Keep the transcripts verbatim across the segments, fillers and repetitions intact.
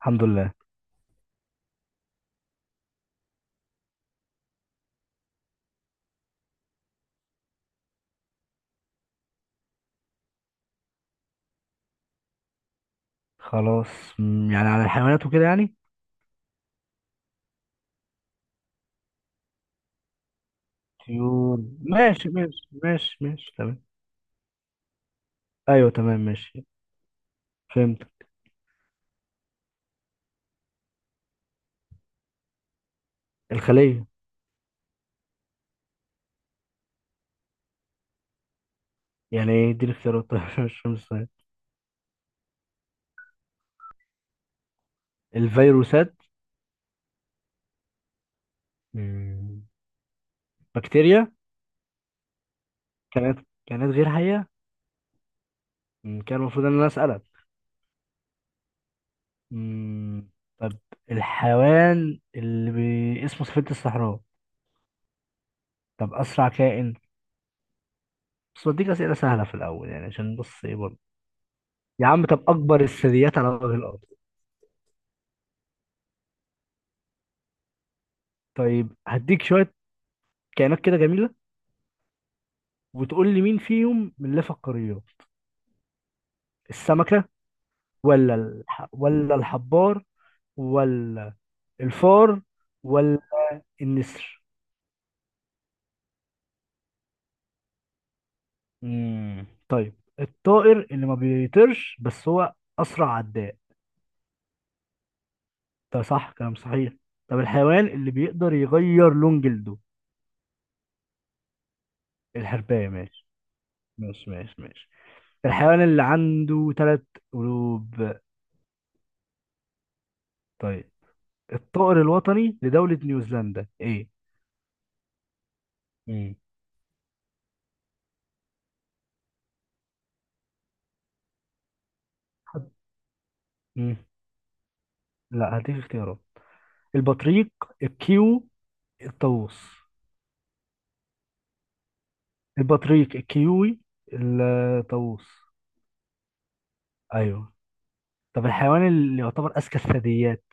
الحمد لله. خلاص. مم، يعني على الحيوانات وكده يعني. طيور. ماشي ماشي ماشي ماشي تمام. ايوه تمام ماشي. فهمت. الخلية. يعني ايه دي الاختيارات؟ طيب، مش فاهم السؤال. الفيروسات. مم، بكتيريا. كانت كانت غير حية. مم، كان المفروض ان انا اسألك. مم، طب الحيوان اللي بي... اسمه سفينة الصحراء. طب اسرع كائن. بس بديك اسئلة سهلة في الاول يعني عشان بص ايه برضه. يا عم طب اكبر الثدييات على وجه الارض. طيب هديك شوية كائنات كده جميله، وتقول لي مين فيهم من اللي في القريات. السمكه ولا الح... ولا الحبار ولا الفار ولا النسر. امم طيب. الطائر اللي ما بيطيرش بس هو اسرع عداء. ده صح، كلام صحيح. طب الحيوان اللي بيقدر يغير لون جلده. الحرباية ماشي. ماشي ماشي ماشي. الحيوان اللي عنده ثلاث قلوب. طيب. الطائر الوطني لدولة نيوزيلندا ايه؟ امم لا، هديك اختيارات. البطريق الكيو الطاووس. البطريق الكيوي الطاووس. ايوه. طب الحيوان اللي يعتبر اذكى الثدييات.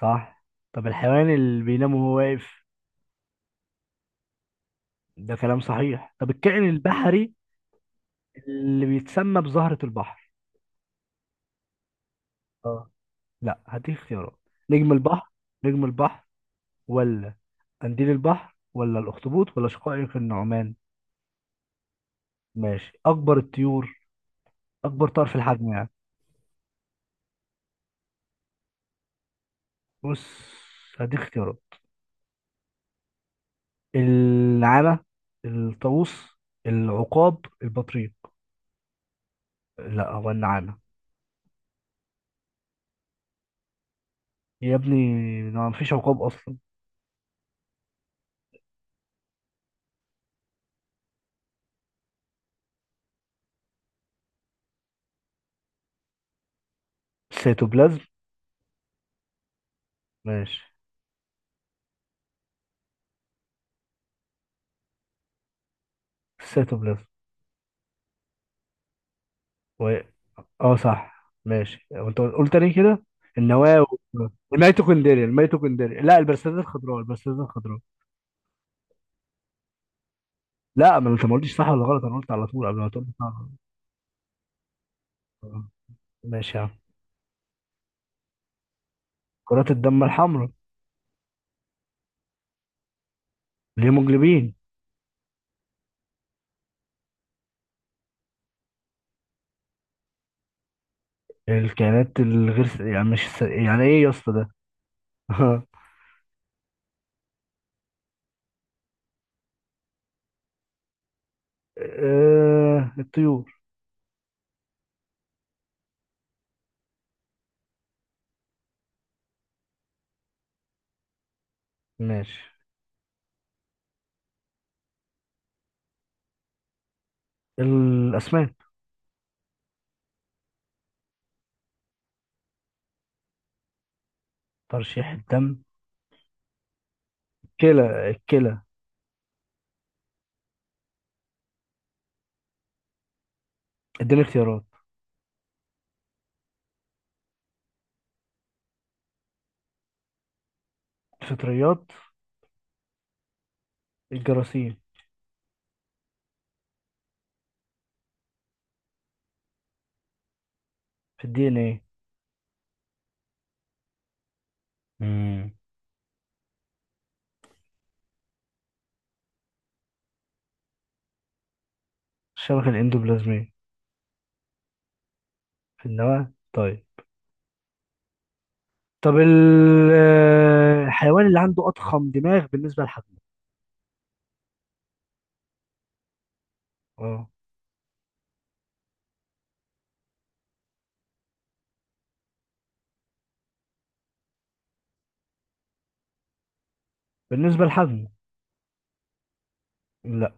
صح. طب الحيوان اللي بينام وهو واقف. ده كلام صحيح. طب الكائن البحري اللي بيتسمى بزهرة البحر. اه. لا، هديك اختيارات. نجم البحر نجم البحر ولا قنديل البحر ولا الاخطبوط ولا شقائق النعمان. ماشي. اكبر الطيور، اكبر طائر في الحجم يعني. بص، هديك اختيارات. النعامة، الطاووس، العقاب، البطريق. لا، هو النعامة. يا ابني، ما مفيش عقاب أصلا. السيتوبلازم. ماشي. السيتوبلازم و... اه صح، ماشي. وانت قلت ليه كده؟ النواة و... الميتوكوندريا الميتوكوندريا لا، البرسلات الخضراء، البرسلات الخضراء. لا، ما انت ما قلتش صح ولا غلط، انا قلت على طول قبل ما تقول لي صح ولا غلط. ماشي يا عم. كرات الدم الحمراء. الهيموجلوبين. الكائنات الغير س- يعني مش س... يعني ايه يا اسطى ده؟ آه الطيور. ماشي. الأسماك. ترشيح الدم. كلى الكلى. اديني اختيارات. الفطريات. الجراثيم. في الدي ان ايه. مم. الشبكة الإندوبلازمية. في النواة، طيب. طب ال- آه، الحيوان اللي عنده أضخم دماغ بالنسبة لحجمه. اه، بالنسبة لحجمه. لا.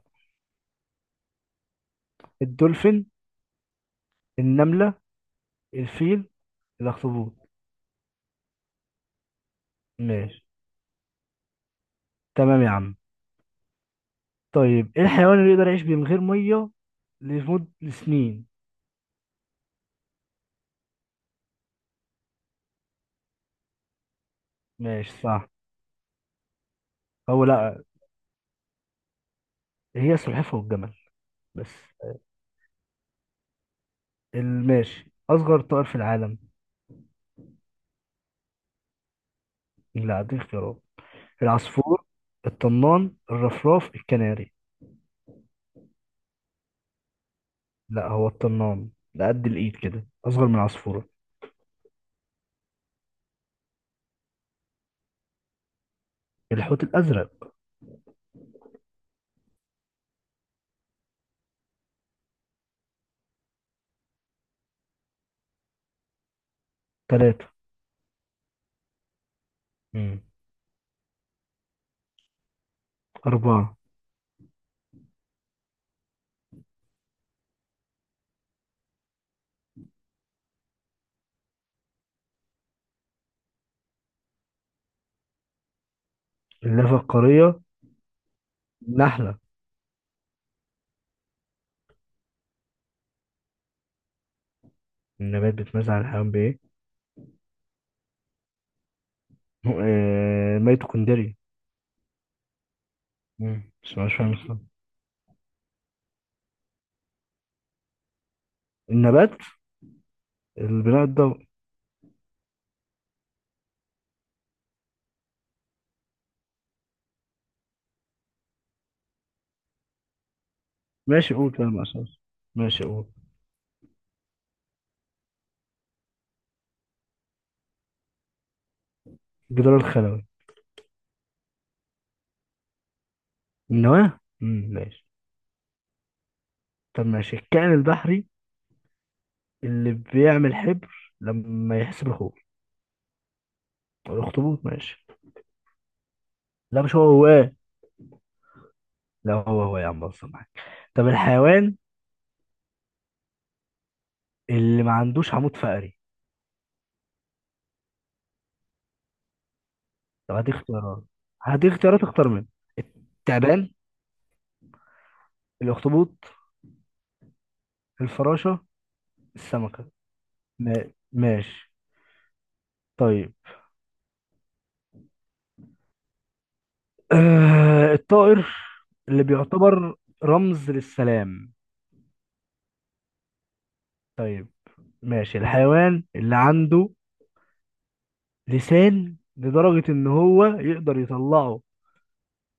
الدولفين، النملة، الفيل، الأخطبوط. ماشي تمام يا عم. طيب، ايه الحيوان اللي يقدر يعيش من غير مية لمدة سنين؟ ماشي صح. او لا، هي السلحفاة والجمل بس. الماشي اصغر طائر في العالم. لا، اديك اختيارات. العصفور، الطنان، الرفراف، الكناري. لا، هو الطنان، ده قد الايد كده، اصغر من العصفورة. الحوت الازرق. ثلاثة. امم. أربعة. اللافة القارية. النحلة. النبات بيتميز عن الحيوان بإيه؟ م- آه، ميتوكوندري. مم. بس مش فاهم الصراحة. النبات. البناء الضوئي. ماشي، قول كلام أساس. ماشي، قول. الجدار الخلوي. النواة. مم، ماشي. طب ماشي، الكائن البحري اللي بيعمل حبر لما يحس بالخوف. طب الاخطبوط ماشي. لا، مش هو هو إيه؟ لا، هو هو يا عم، بص معاك. طب الحيوان اللي ما عندوش عمود فقري. طب هدي اختيارات. هدي اختيارات، اختار منه. التعبان، الاخطبوط، الفراشة، السمكة. ما- ماشي. طيب. آه الطائر اللي بيعتبر رمز للسلام. طيب ماشي، الحيوان اللي عنده لسان لدرجة إن هو يقدر يطلعه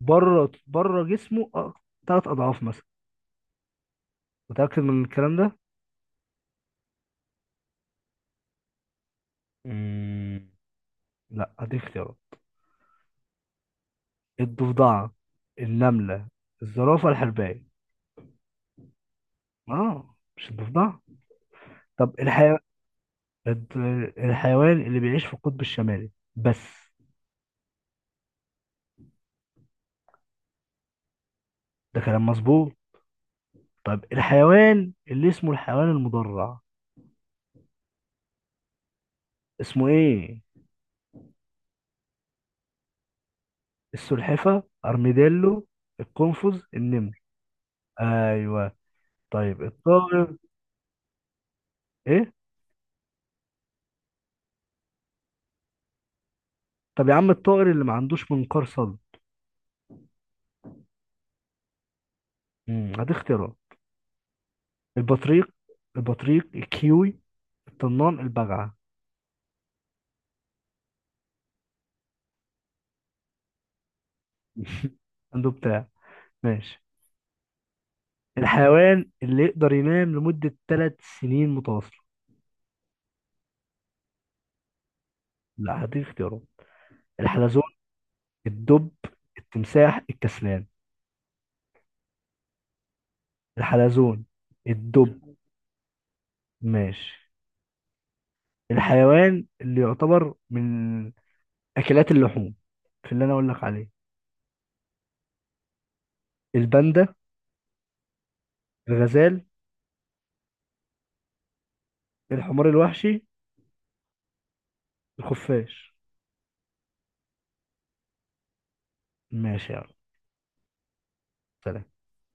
بره بره جسمه أ- تلات أضعاف مثلا. متأكد من الكلام ده؟ مم. لا، أديك اختيارات. الضفدعة، النملة، الزرافة، الحرباية. آه، مش الضفدعة. طب الحي... الد- الحيوان اللي بيعيش في القطب الشمالي بس. ده كلام مظبوط. طب الحيوان اللي اسمه الحيوان المدرع، اسمه إيه؟ السلحفة، أرميديلو، القنفذ، النمر. أيوه. طيب الطائر، ايه. طب يا عم الطائر اللي ما عندوش منقار صلب. امم هدي اختيارات. البطريق البطريق الكيوي، الطنان، البجعة. عنده بتاع. ماشي. الحيوان اللي يقدر ينام لمدة ثلاث سنين متواصلة. لا، هدي اختيارات. الحلزون، الدب، التمساح، الكسلان. الحلزون. الدب. ماشي. الحيوان اللي يعتبر من أكلات اللحوم في اللي أنا أقول لك عليه. الباندا، الغزال، الحمار الوحشي، الخفاش. ماشي يا عم. سلام.